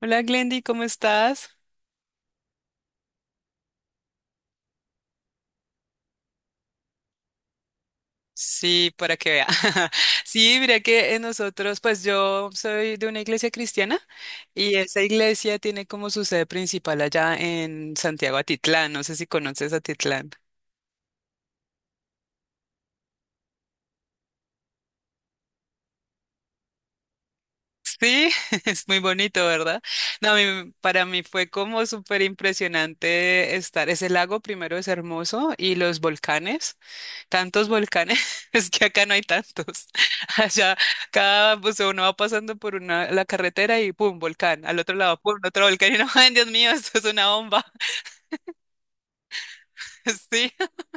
Hola Glendy, ¿cómo estás? Sí, para que vea. Sí, mira que nosotros, pues yo soy de una iglesia cristiana y esa iglesia tiene como su sede principal allá en Santiago Atitlán. No sé si conoces Atitlán. Sí, es muy bonito, ¿verdad? No, a mí- para mí fue como súper impresionante estar. Ese lago primero es hermoso y los volcanes. Tantos volcanes, es que acá no hay tantos. Allá, cada, pues uno va pasando por una, la carretera y pum, volcán. Al otro lado, pum, otro volcán. Y no, ay, Dios mío, esto es una bomba.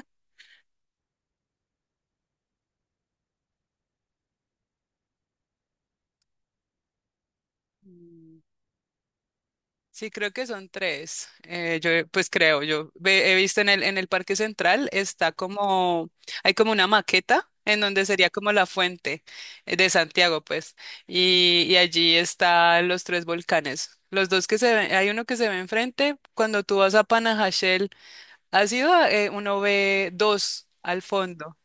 Sí. Sí, creo que son tres. Yo, pues creo, yo ve- he visto en el Parque Central está como, hay como una maqueta en donde sería como la fuente de Santiago, pues, y allí están los tres volcanes. Los dos que se ven, hay uno que se ve enfrente, cuando tú vas a Panajachel, has ido, a- uno ve dos al fondo.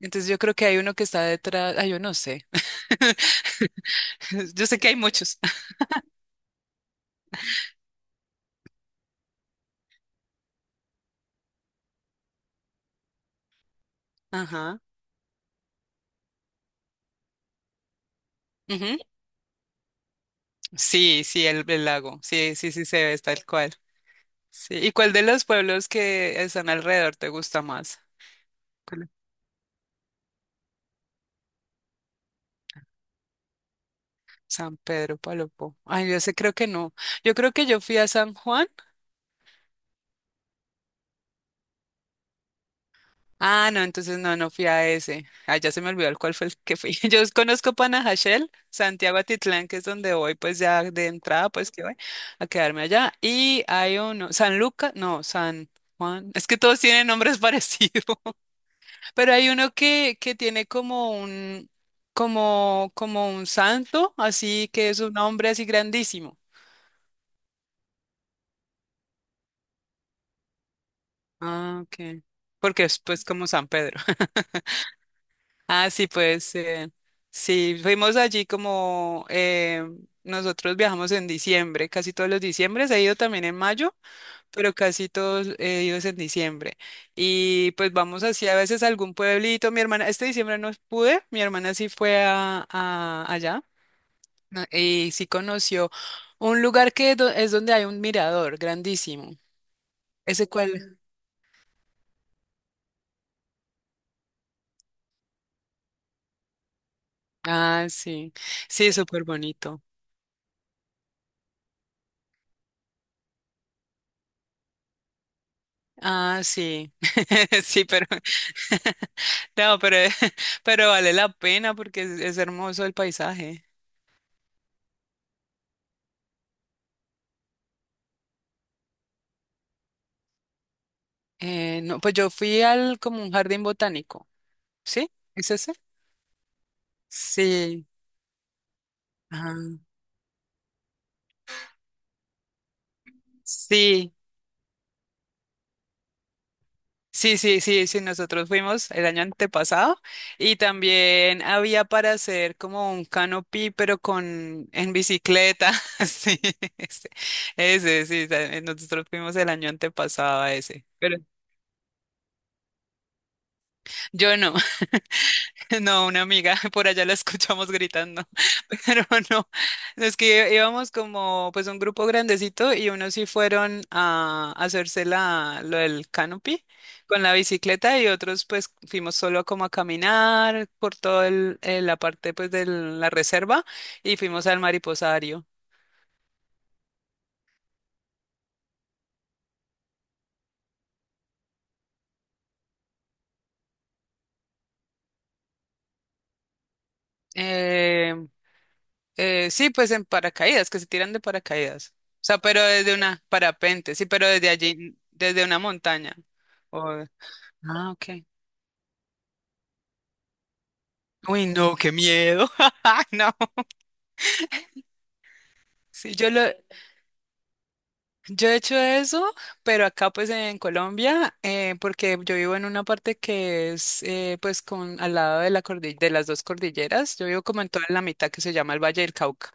Entonces yo creo que hay uno que está detrás, ah, yo no sé, yo sé que hay muchos. Ajá. Ujú. Sí, sí, el lago. Sí, sí, sí, se ve, es tal cual. Sí. ¿Y cuál de los pueblos que están alrededor te gusta más? ¿Cuál San Pedro, Palopó? Ay, yo sé, creo que no. Yo creo que yo fui a San Juan. Ah, no, entonces no, no fui a ese. Ah, ya se me olvidó el cuál fue el que fui. Yo conozco Panajachel, Santiago Atitlán, que es donde voy, pues ya de entrada, pues que voy a quedarme allá. Y hay uno, San Lucas, no, San Juan. Es que todos tienen nombres parecidos. Pero hay uno que tiene como un, como, como un santo, así que es un hombre así grandísimo. Ah, ok. Porque es pues como San Pedro. Ah, sí, pues sí, fuimos allí como nosotros viajamos en diciembre, casi todos los diciembres, he ido también en mayo, pero casi todos he ido es en diciembre. Y pues vamos así a veces a algún pueblito, mi hermana, este diciembre no pude, mi hermana sí fue a allá. No, y sí conoció un lugar que do- es donde hay un mirador grandísimo. ¿Ese cuál? Ah, sí. Sí, es súper bonito. Ah, sí. Sí, pero no, pero, pero vale la pena porque es hermoso el paisaje. No, pues yo fui al como un jardín botánico. ¿Sí? ¿Es ese? Sí. Ajá. Sí. Sí, sí, sí, sí, nosotros fuimos el año antepasado y también había para hacer como un canopy, pero con en bicicleta. Sí, ese, sí, ta- nosotros fuimos el año antepasado a ese. Pero yo no, no, una amiga, por allá la escuchamos gritando. Pero no, no, es que íbamos como pues un grupo grandecito y unos sí fueron a hacerse la, lo del canopy con la bicicleta y otros pues fuimos solo como a caminar por toda la parte pues de la reserva y fuimos al mariposario. Eh, sí, pues en paracaídas, que se tiran de paracaídas. O sea, pero desde una parapente, sí, pero desde allí, desde una montaña. O- ah, ok. Uy, no, qué miedo. No. Sí, yo lo, yo he hecho eso, pero acá pues en Colombia, porque yo vivo en una parte que es pues con al lado de la cordi- de las dos cordilleras, yo vivo como en toda la mitad que se llama el Valle del Cauca,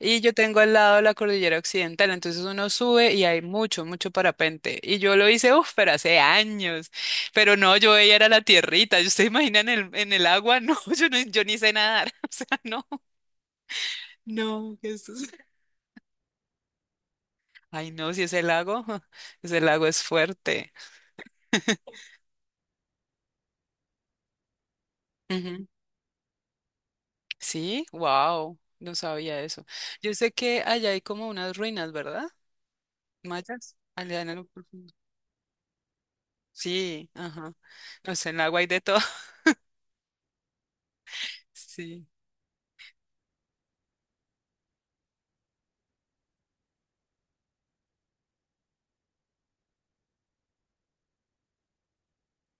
y yo tengo al lado la cordillera occidental, entonces uno sube y hay mucho, mucho parapente, y yo lo hice, uff, pero hace años, pero no, yo ella era la tierrita, ¿ustedes imaginan en el agua? No, yo, no, yo ni sé nadar, o sea, no, no, Jesús. Ay, no, si ese lago, ese lago es fuerte. Ujú. Sí, wow, no sabía eso. Yo sé que allá hay como unas ruinas, ¿verdad? Mayas, allá en lo profundo. Sí, ajá. No sé, en el agua hay de todo. Sí.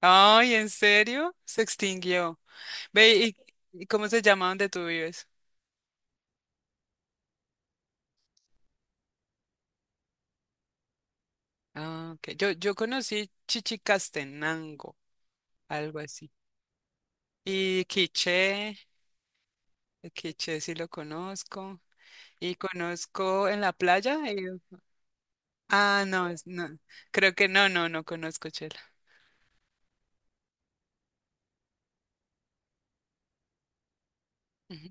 Ay, ¿en serio? Se extinguió. Ve, y cómo se llama donde tú vives? Ah, ok. Yo conocí Chichicastenango, algo así. Y Quiché, el Quiché sí lo conozco. Y conozco en la playa. Ah, no, es- no. Creo que no, no, no conozco chela. Ujú.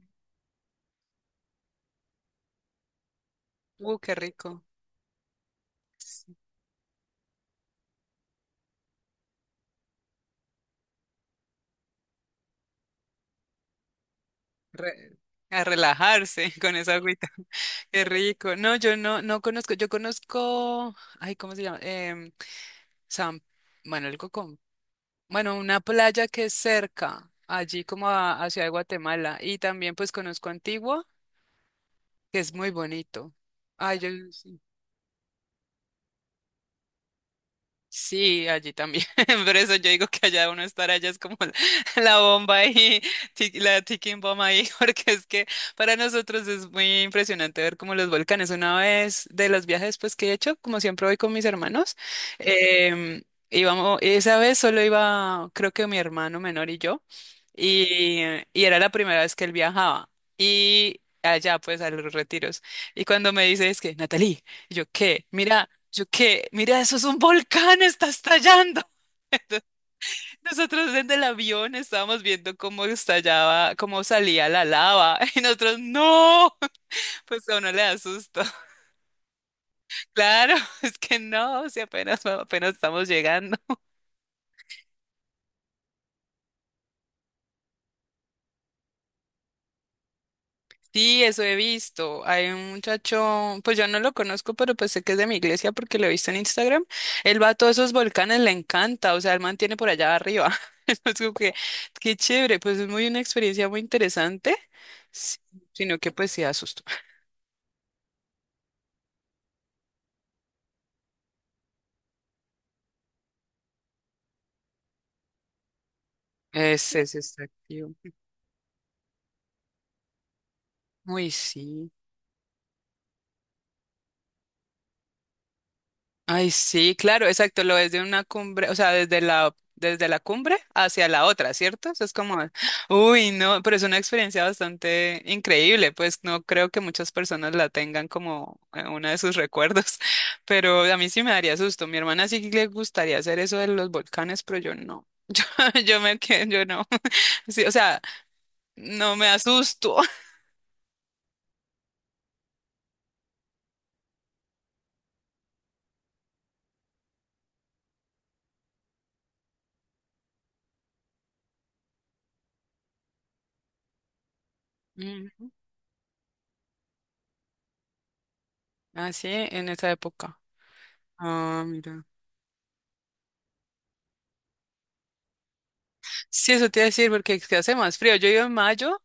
Qué rico. Sí, re- a relajarse con esa agüita. Qué rico. No, yo no, no conozco. Yo conozco, ay, ¿cómo se llama? San, bueno, algo con, bueno, una playa que es cerca, allí como a, hacia Guatemala. Y también pues conozco Antigua, que es muy bonito. Ay, yo, sí. Sí, allí también. Por eso yo digo que allá uno estar allá es como la bomba ahí, ti- la ticking bomb ahí, porque es que para nosotros es muy impresionante ver como los volcanes. Una vez de los viajes pues que he hecho, como siempre voy con mis hermanos, em, íbamos, esa vez solo iba, creo que mi hermano menor y yo, y, y era la primera vez que él viajaba. Y allá pues a los retiros. Y cuando me dice es que, Natalie, y yo, ¿qué? Mira. Yo qué, mira, eso es un volcán, está estallando. Nosotros desde el avión estábamos viendo cómo estallaba, cómo salía la lava. Y nosotros, no, pues a uno le da susto. Claro, es que no, si apenas, apenas estamos llegando. Sí, eso he visto. Hay un muchacho, pues yo no lo conozco, pero pues sé que es de mi iglesia porque lo he visto en Instagram. Él va a todos esos volcanes, le encanta, o sea, él mantiene por allá arriba. Es como que, qué chévere, pues es muy una experiencia muy interesante, sí, sino que pues sí asusto. Ese es activo. Uy sí. Ay, sí, claro, exacto, lo ves de una cumbre, o sea, desde la cumbre hacia la otra, ¿cierto? Eso es como, uy, no, pero es una experiencia bastante increíble, pues no creo que muchas personas la tengan como una de sus recuerdos, pero a mí sí me daría susto. Mi hermana sí le gustaría hacer eso de los volcanes, pero yo no. Yo me quedo, yo no. Sí, o sea, no me asusto. Mm, así en esa época. Ah, mira. Sí, eso te iba a decir, porque es que hace más frío. Yo iba en mayo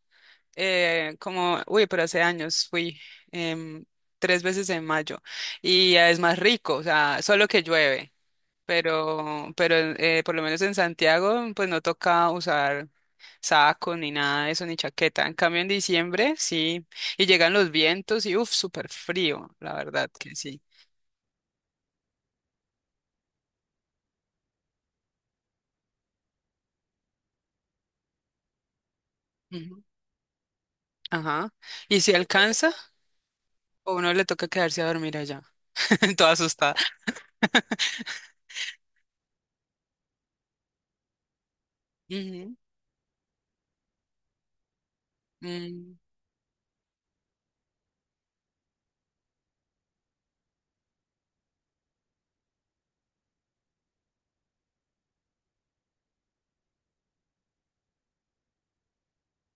como, uy, pero hace años fui em, 3 veces en mayo y es más rico, o sea, solo que llueve, pero por lo menos en Santiago, pues no toca usar saco ni nada de eso, ni chaqueta. En cambio, en diciembre, sí, y llegan los vientos y, uff, súper frío, la verdad que sí. Ujú. Ajá. ¿Y si alcanza? O uno le toca quedarse a dormir allá, toda asustada. Ujú. Mm,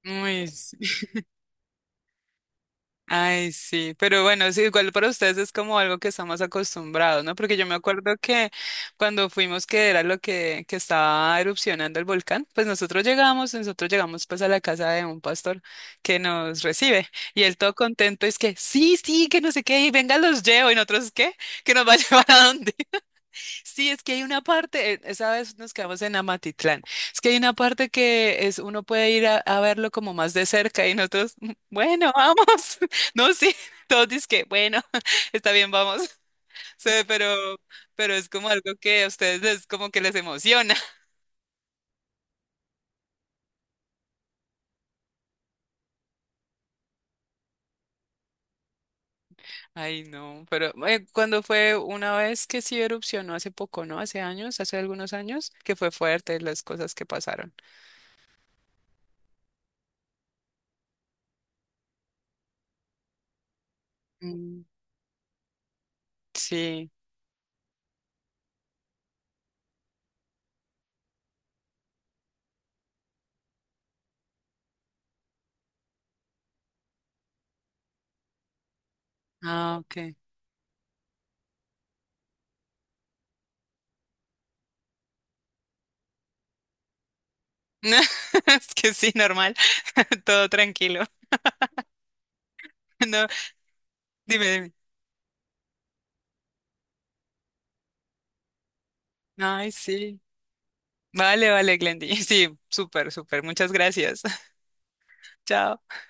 uy, sí. Ay, sí, pero bueno, sí, igual para ustedes es como algo que estamos acostumbrados, ¿no? Porque yo me acuerdo que cuando fuimos, que era lo que estaba erupcionando el volcán, pues nosotros llegamos pues a la casa de un pastor que nos recibe y él todo contento es que sí, sí, que no sé qué, y venga, los llevo y nosotros qué, que nos va a llevar a dónde. Sí, es que hay una parte, esa vez nos quedamos en Amatitlán, es que hay una parte que es, uno puede ir a verlo como más de cerca y nosotros, "Mm, bueno, vamos, no, sí, todos dicen que, bueno, está bien, vamos, Sí, pero es como algo que a ustedes les, como que les emociona. Ay, no, pero cuando fue una vez que sí erupcionó hace poco, ¿no? Hace años, hace algunos años, que fue fuerte las cosas que pasaron. Mm, sí. Ah, ok. Es que sí, normal. Todo tranquilo. No, dime, dime. Ay, sí. Vale, vale, Glendy. Sí, súper, súper. Muchas gracias. Chao.